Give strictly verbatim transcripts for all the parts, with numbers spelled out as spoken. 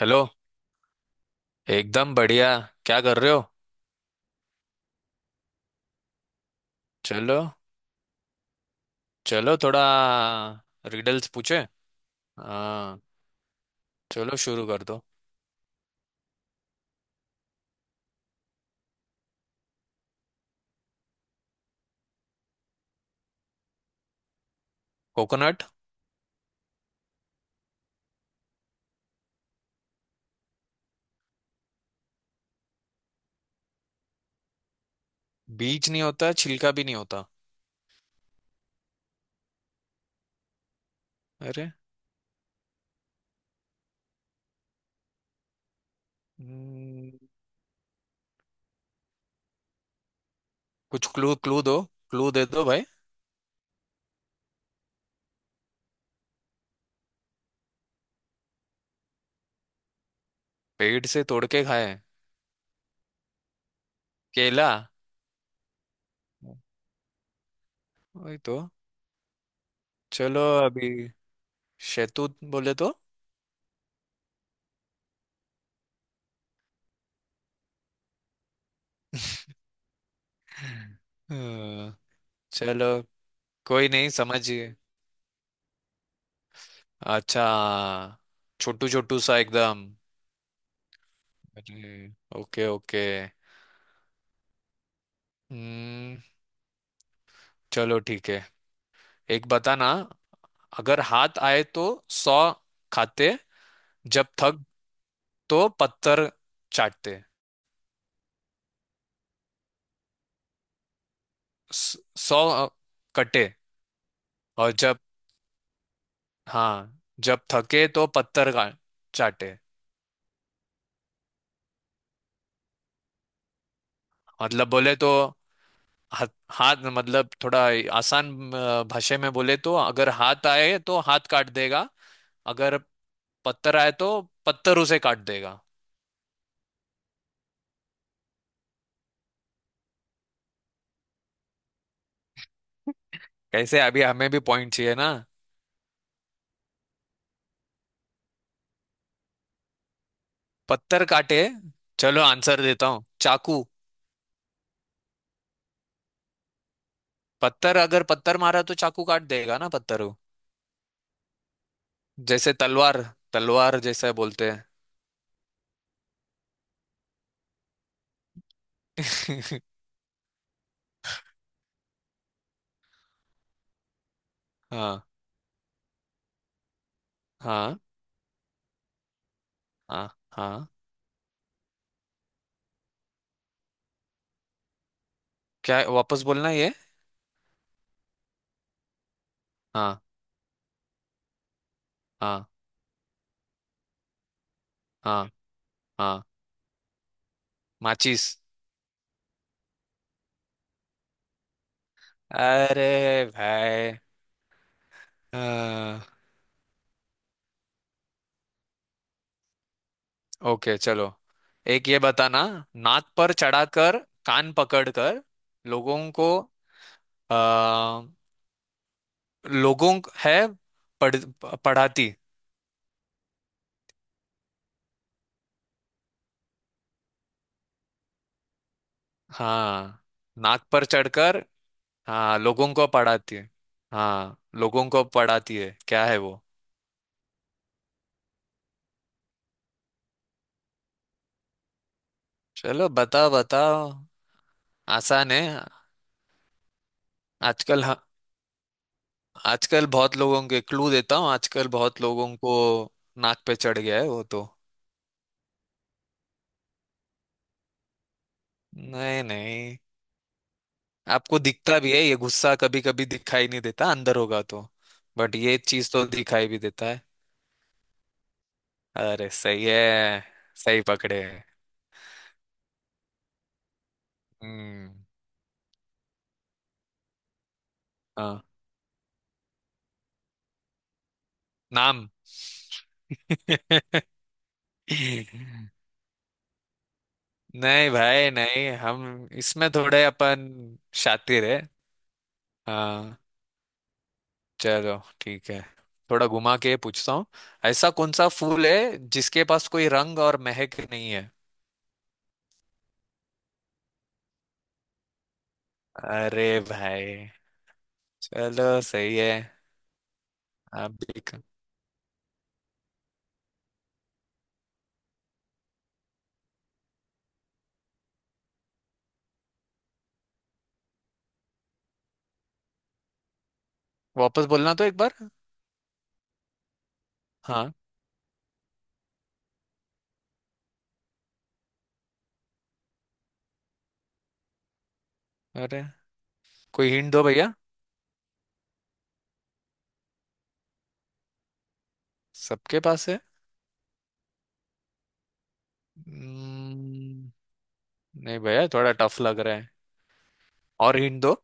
Hello. एकदम बढ़िया। क्या कर रहे हो? चलो। चलो थोड़ा रिडल्स पूछे। हाँ, चलो शुरू कर दो। कोकोनट। बीज नहीं होता, छिलका भी नहीं होता। अरे। हम्म, कुछ क्लू क्लू दो। क्लू दे दो भाई। पेड़ से तोड़ के खाए? केला। वही तो। चलो। अभी। शैतूत बोले तो? हम्म, चलो। कोई नहीं, समझिए। अच्छा। छोटू छोटू सा एकदम। अरे, ओके ओके। हम्म, चलो ठीक है। एक बताना। अगर हाथ आए तो सौ खाते, जब थक तो पत्थर चाटते। स- सौ अ, कटे। और जब। हाँ, जब थके तो पत्थर का चाटे। मतलब बोले तो हाथ। हाथ मतलब थोड़ा आसान अ, भाषा में बोले तो अगर हाथ आए तो हाथ काट देगा। अगर पत्थर आए तो पत्थर उसे काट देगा। कैसे, अभी हमें भी पॉइंट चाहिए ना। पत्थर काटे। चलो आंसर देता हूँ, चाकू। पत्थर, अगर पत्थर मारा तो चाकू काट देगा ना पत्थर को। जैसे तलवार। तलवार जैसा बोलते हैं। हाँ, हाँ, हाँ, हाँ। क्या, वापस बोलना ये? हाँ, हाँ, हाँ, हाँ। माचिस। अरे भाई। हाँ, ओके चलो। एक ये बताना। नाक पर चढ़ाकर कान पकड़कर लोगों को आ, लोगों है पढ़, पढ़ाती। हाँ, नाक पर चढ़कर। हाँ, लोगों को पढ़ाती है। हाँ, लोगों को पढ़ाती है, क्या है वो? चलो बताओ बताओ, आसान है। आजकल ह- आजकल बहुत लोगों के क्लू देता हूँ, आजकल बहुत लोगों को नाक पे चढ़ गया है वो तो। नहीं नहीं, आपको दिखता भी है ये? गुस्सा कभी कभी दिखाई नहीं देता, अंदर होगा तो। बट ये चीज तो दिखाई भी देता है। अरे सही है। सही पकड़े हैं। हम्म। हाँ, नाम। नहीं भाई, नहीं हम इसमें थोड़े अपन शातिर है। हाँ, चलो ठीक है। थोड़ा घुमा के पूछता हूँ, ऐसा कौन सा फूल है जिसके पास कोई रंग और महक नहीं है? अरे भाई, चलो सही है। आप भी क- वापस बोलना तो एक बार। हाँ। अरे, कोई हिंट दो भैया। सबके पास है। हम्म, नहीं भैया, थोड़ा टफ लग रहा है। और हिंट दो।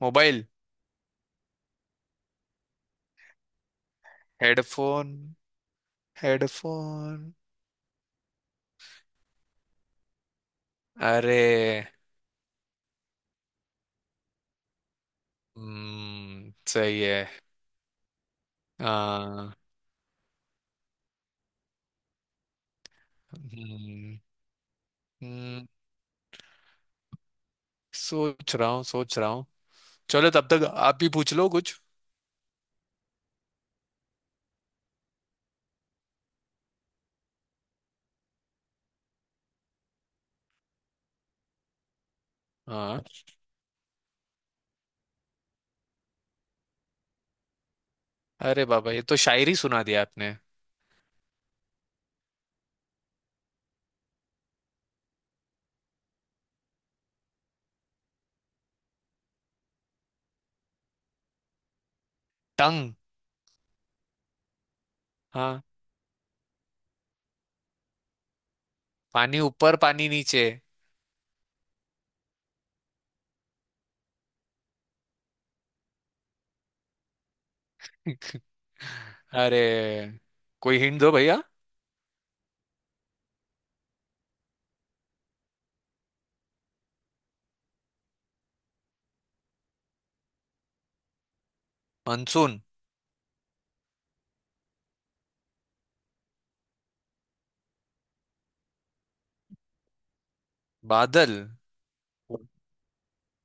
मोबाइल। हेडफोन। हेडफोन। अरे। हम्म, सही है। हाँ। हम्म, हम्म, सोच रहा हूँ, सोच रहा हूँ। चलो तब तक आप भी पूछ लो कुछ। हाँ, अरे बाबा ये तो शायरी सुना दिया आपने। टंग। हाँ, पानी ऊपर पानी नीचे। अरे कोई हिंट दो भैया। मानसून। बादल।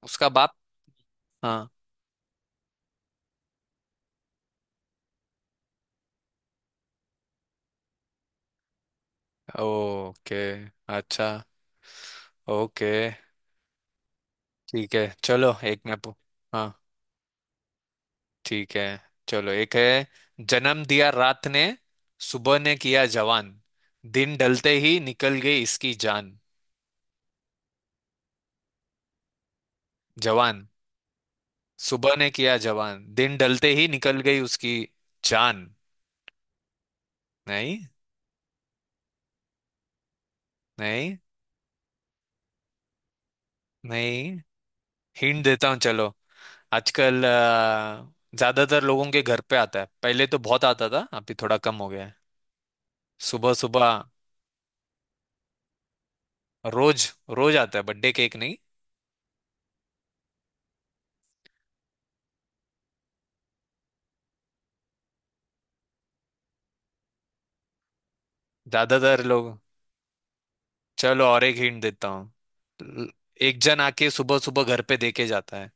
उसका बाप। हाँ। ओके। अच्छा। ओके। ठीक है चलो, एक मैं पू- हाँ। ठीक है, चलो एक है। जन्म दिया रात ने, सुबह ने किया जवान, दिन ढलते ही निकल गई इसकी जान। जवान। सुबह ने किया जवान, दिन ढलते ही निकल गई उसकी जान। नहीं। नहीं। नहीं। हिंट देता हूँ चलो। आजकल अ, ज्यादातर लोगों के घर पे आता है, पहले तो बहुत आता था, अभी थोड़ा कम हो गया है। सुबह सुबह, रोज रोज आता है, बर्थडे केक नहीं। ज्यादातर लोग। चलो और एक हिंट देता हूँ। ल- एक जन आके सुबह सुबह घर पे देके जाता है।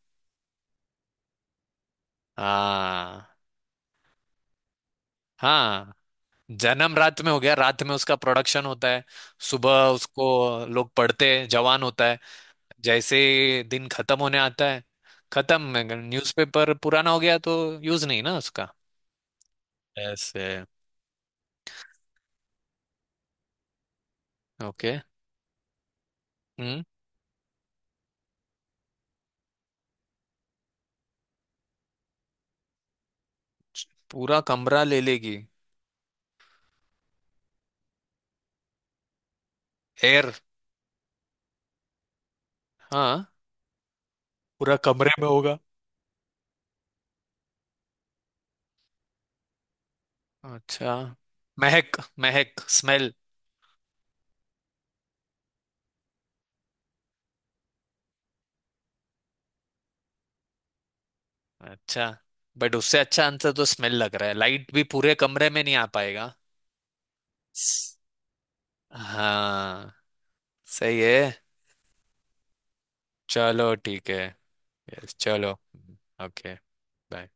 हाँ। हाँ, जन्म रात में हो गया, रात में उसका प्रोडक्शन होता है। सुबह उसको लोग पढ़ते हैं, जवान होता है। जैसे ही दिन खत्म होने आता है, खत्म। न्यूज़पेपर पुराना हो गया तो यूज नहीं ना उसका। ऐसे। ओके। हम्म। पूरा कमरा ले लेगी। एयर। हाँ, पूरा कमरे में होगा। अच्छा। महक। महक, स्मेल। अच्छा। बट उससे अच्छा आंसर तो स्मेल लग रहा है, लाइट भी पूरे कमरे में नहीं आ पाएगा। हाँ सही है। चलो ठीक है। यस चलो। ओके। बाय।